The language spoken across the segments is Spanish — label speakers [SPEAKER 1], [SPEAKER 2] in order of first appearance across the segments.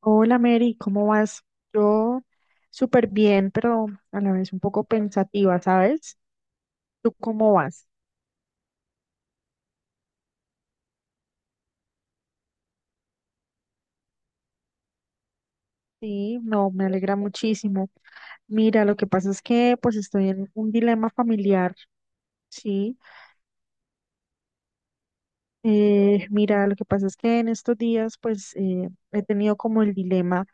[SPEAKER 1] Hola Mary, ¿cómo vas? Yo súper bien, pero a la vez un poco pensativa, ¿sabes? ¿Tú cómo vas? Sí, no, me alegra muchísimo. Mira, lo que pasa es que estoy en un dilema familiar, ¿sí? Mira, lo que pasa es que en estos días he tenido como el dilema.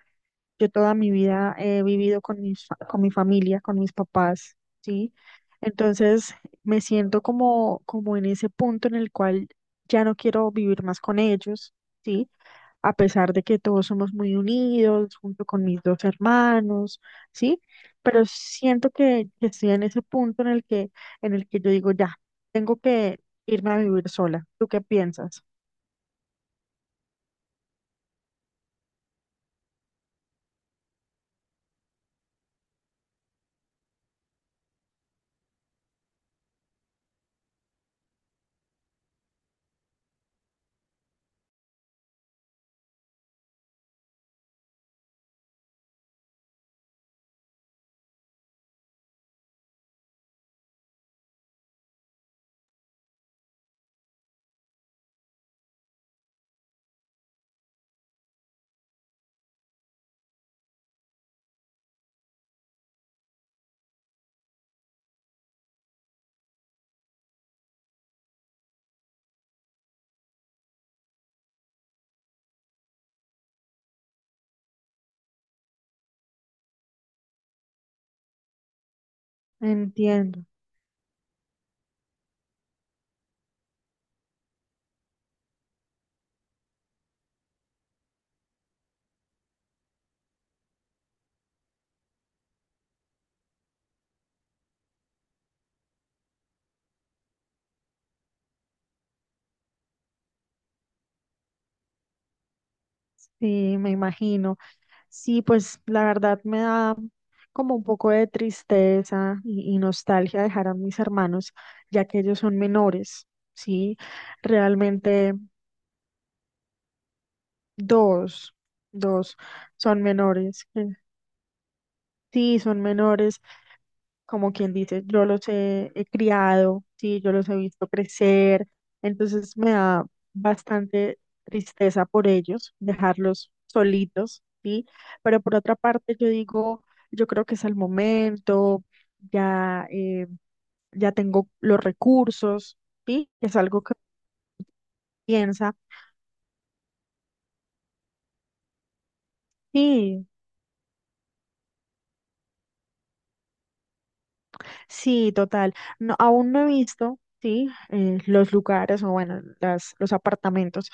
[SPEAKER 1] Yo toda mi vida he vivido con con mi familia, con mis papás, ¿sí? Entonces me siento como en ese punto en el cual ya no quiero vivir más con ellos, ¿sí? A pesar de que todos somos muy unidos, junto con mis dos hermanos, ¿sí? Pero siento que estoy en ese punto en el que yo digo, ya, tengo que irme a vivir sola. ¿Tú qué piensas? Entiendo. Sí, me imagino. Sí, pues la verdad me da como un poco de tristeza y nostalgia dejar a mis hermanos, ya que ellos son menores, ¿sí? Realmente dos, dos son menores. Sí, son menores, como quien dice, yo he criado, sí, yo los he visto crecer, entonces me da bastante tristeza por ellos, dejarlos solitos, sí, pero por otra parte yo digo, yo creo que es el momento, ya, ya tengo los recursos, sí, es algo que piensa, sí. Sí, total. No, aún no he visto, sí, los lugares o bueno, los apartamentos.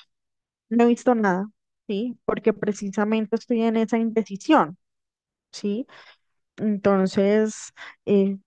[SPEAKER 1] No he visto nada, sí, porque precisamente estoy en esa indecisión, sí. Entonces, eh,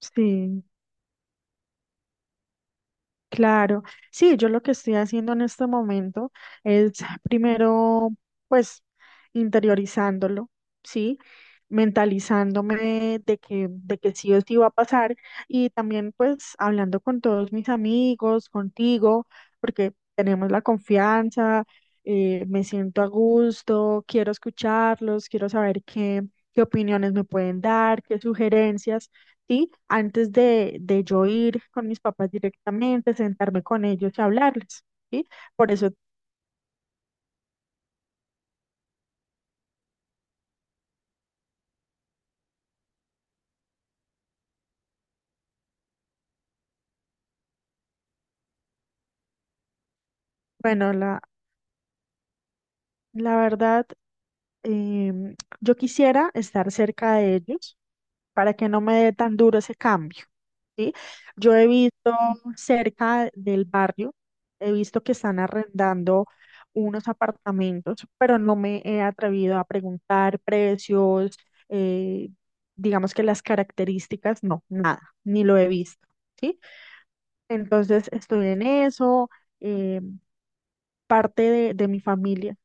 [SPEAKER 1] sí. Claro, sí, yo lo que estoy haciendo en este momento es primero, pues, interiorizándolo, ¿sí? Mentalizándome de que sí o sí va a pasar y también, pues, hablando con todos mis amigos, contigo, porque tenemos la confianza, me siento a gusto, quiero escucharlos, quiero saber qué opiniones me pueden dar, qué sugerencias. ¿Sí? De yo ir con mis papás directamente, sentarme con ellos y hablarles, ¿sí? Por eso, bueno, la verdad, yo quisiera estar cerca de ellos para que no me dé tan duro ese cambio, ¿sí? Yo he visto cerca del barrio, he visto que están arrendando unos apartamentos, pero no me he atrevido a preguntar precios, eh, digamos que las características, no, nada, ni lo he visto, ¿sí? Entonces estoy en eso, eh, parte de mi familia.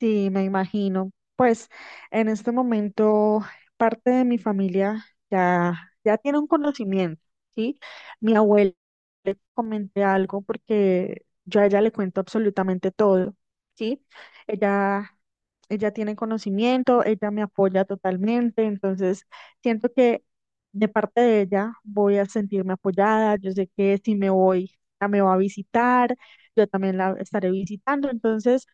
[SPEAKER 1] Sí, me imagino. Pues en este momento parte de mi familia ya, ya tiene un conocimiento, ¿sí? Mi abuela le comenté algo porque yo a ella le cuento absolutamente todo, ¿sí? Ella, ella tiene conocimiento, ella me apoya totalmente, entonces siento que de parte de ella voy a sentirme apoyada, yo sé que si me voy, ella me va a visitar, yo también la estaré visitando, entonces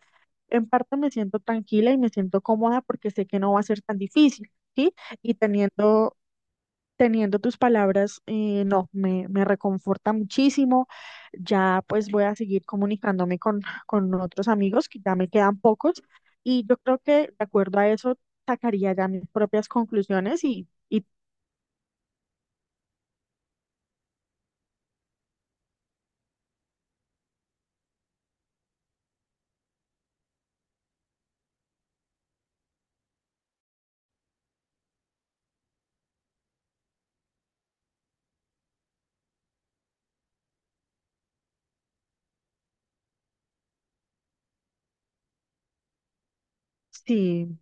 [SPEAKER 1] en parte me siento tranquila y me siento cómoda porque sé que no va a ser tan difícil, ¿sí? Y teniendo tus palabras, no, me reconforta muchísimo. Ya pues voy a seguir comunicándome con otros amigos, que ya me quedan pocos, y yo creo que de acuerdo a eso sacaría ya mis propias conclusiones sí,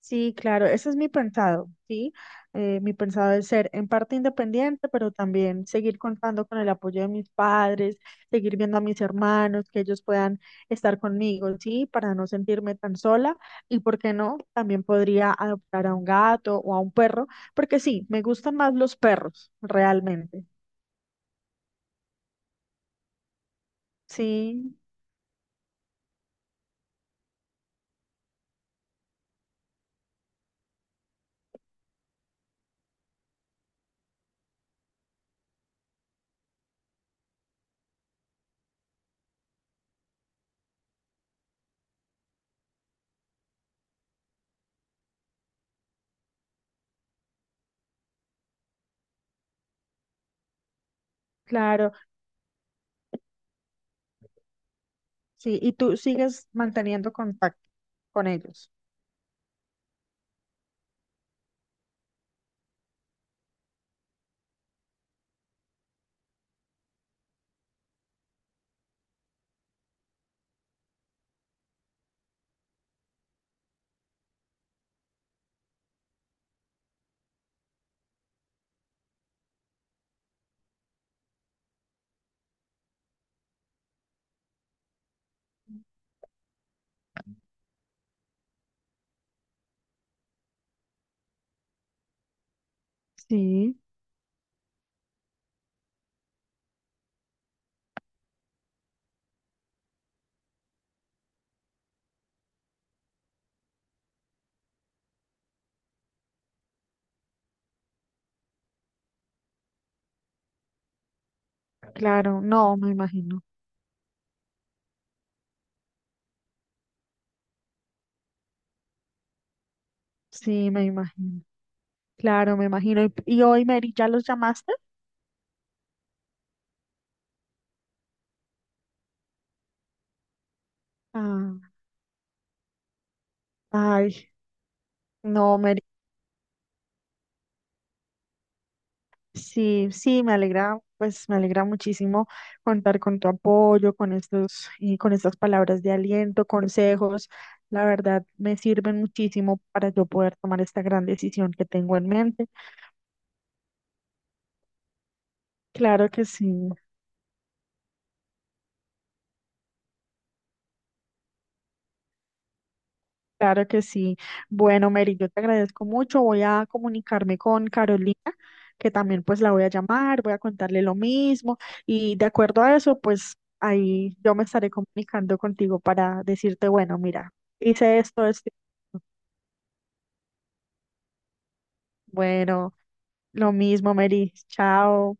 [SPEAKER 1] Sí, claro, ese es mi pensado, ¿sí? Mi pensado es ser en parte independiente, pero también seguir contando con el apoyo de mis padres, seguir viendo a mis hermanos, que ellos puedan estar conmigo, ¿sí? Para no sentirme tan sola. Y por qué no, también podría adoptar a un gato o a un perro, porque sí, me gustan más los perros, realmente. Sí, claro, sí. Y tú sigues manteniendo contacto con ellos. Sí, claro, no, me imagino. Sí, me imagino. Claro, me imagino. Y hoy, Mary, ya los llamaste? Ah, ay, no, Mary, sí, sí, me alegra, pues me alegra muchísimo contar con tu apoyo, con estos, y con estas palabras de aliento, consejos. La verdad, me sirven muchísimo para yo poder tomar esta gran decisión que tengo en mente. Claro que sí. Claro que sí. Bueno, Mary, yo te agradezco mucho. Voy a comunicarme con Carolina, que también pues la voy a llamar, voy a contarle lo mismo y de acuerdo a eso, pues ahí yo me estaré comunicando contigo para decirte, bueno, mira, hice esto, esto. Bueno, lo mismo, Mary. Chao.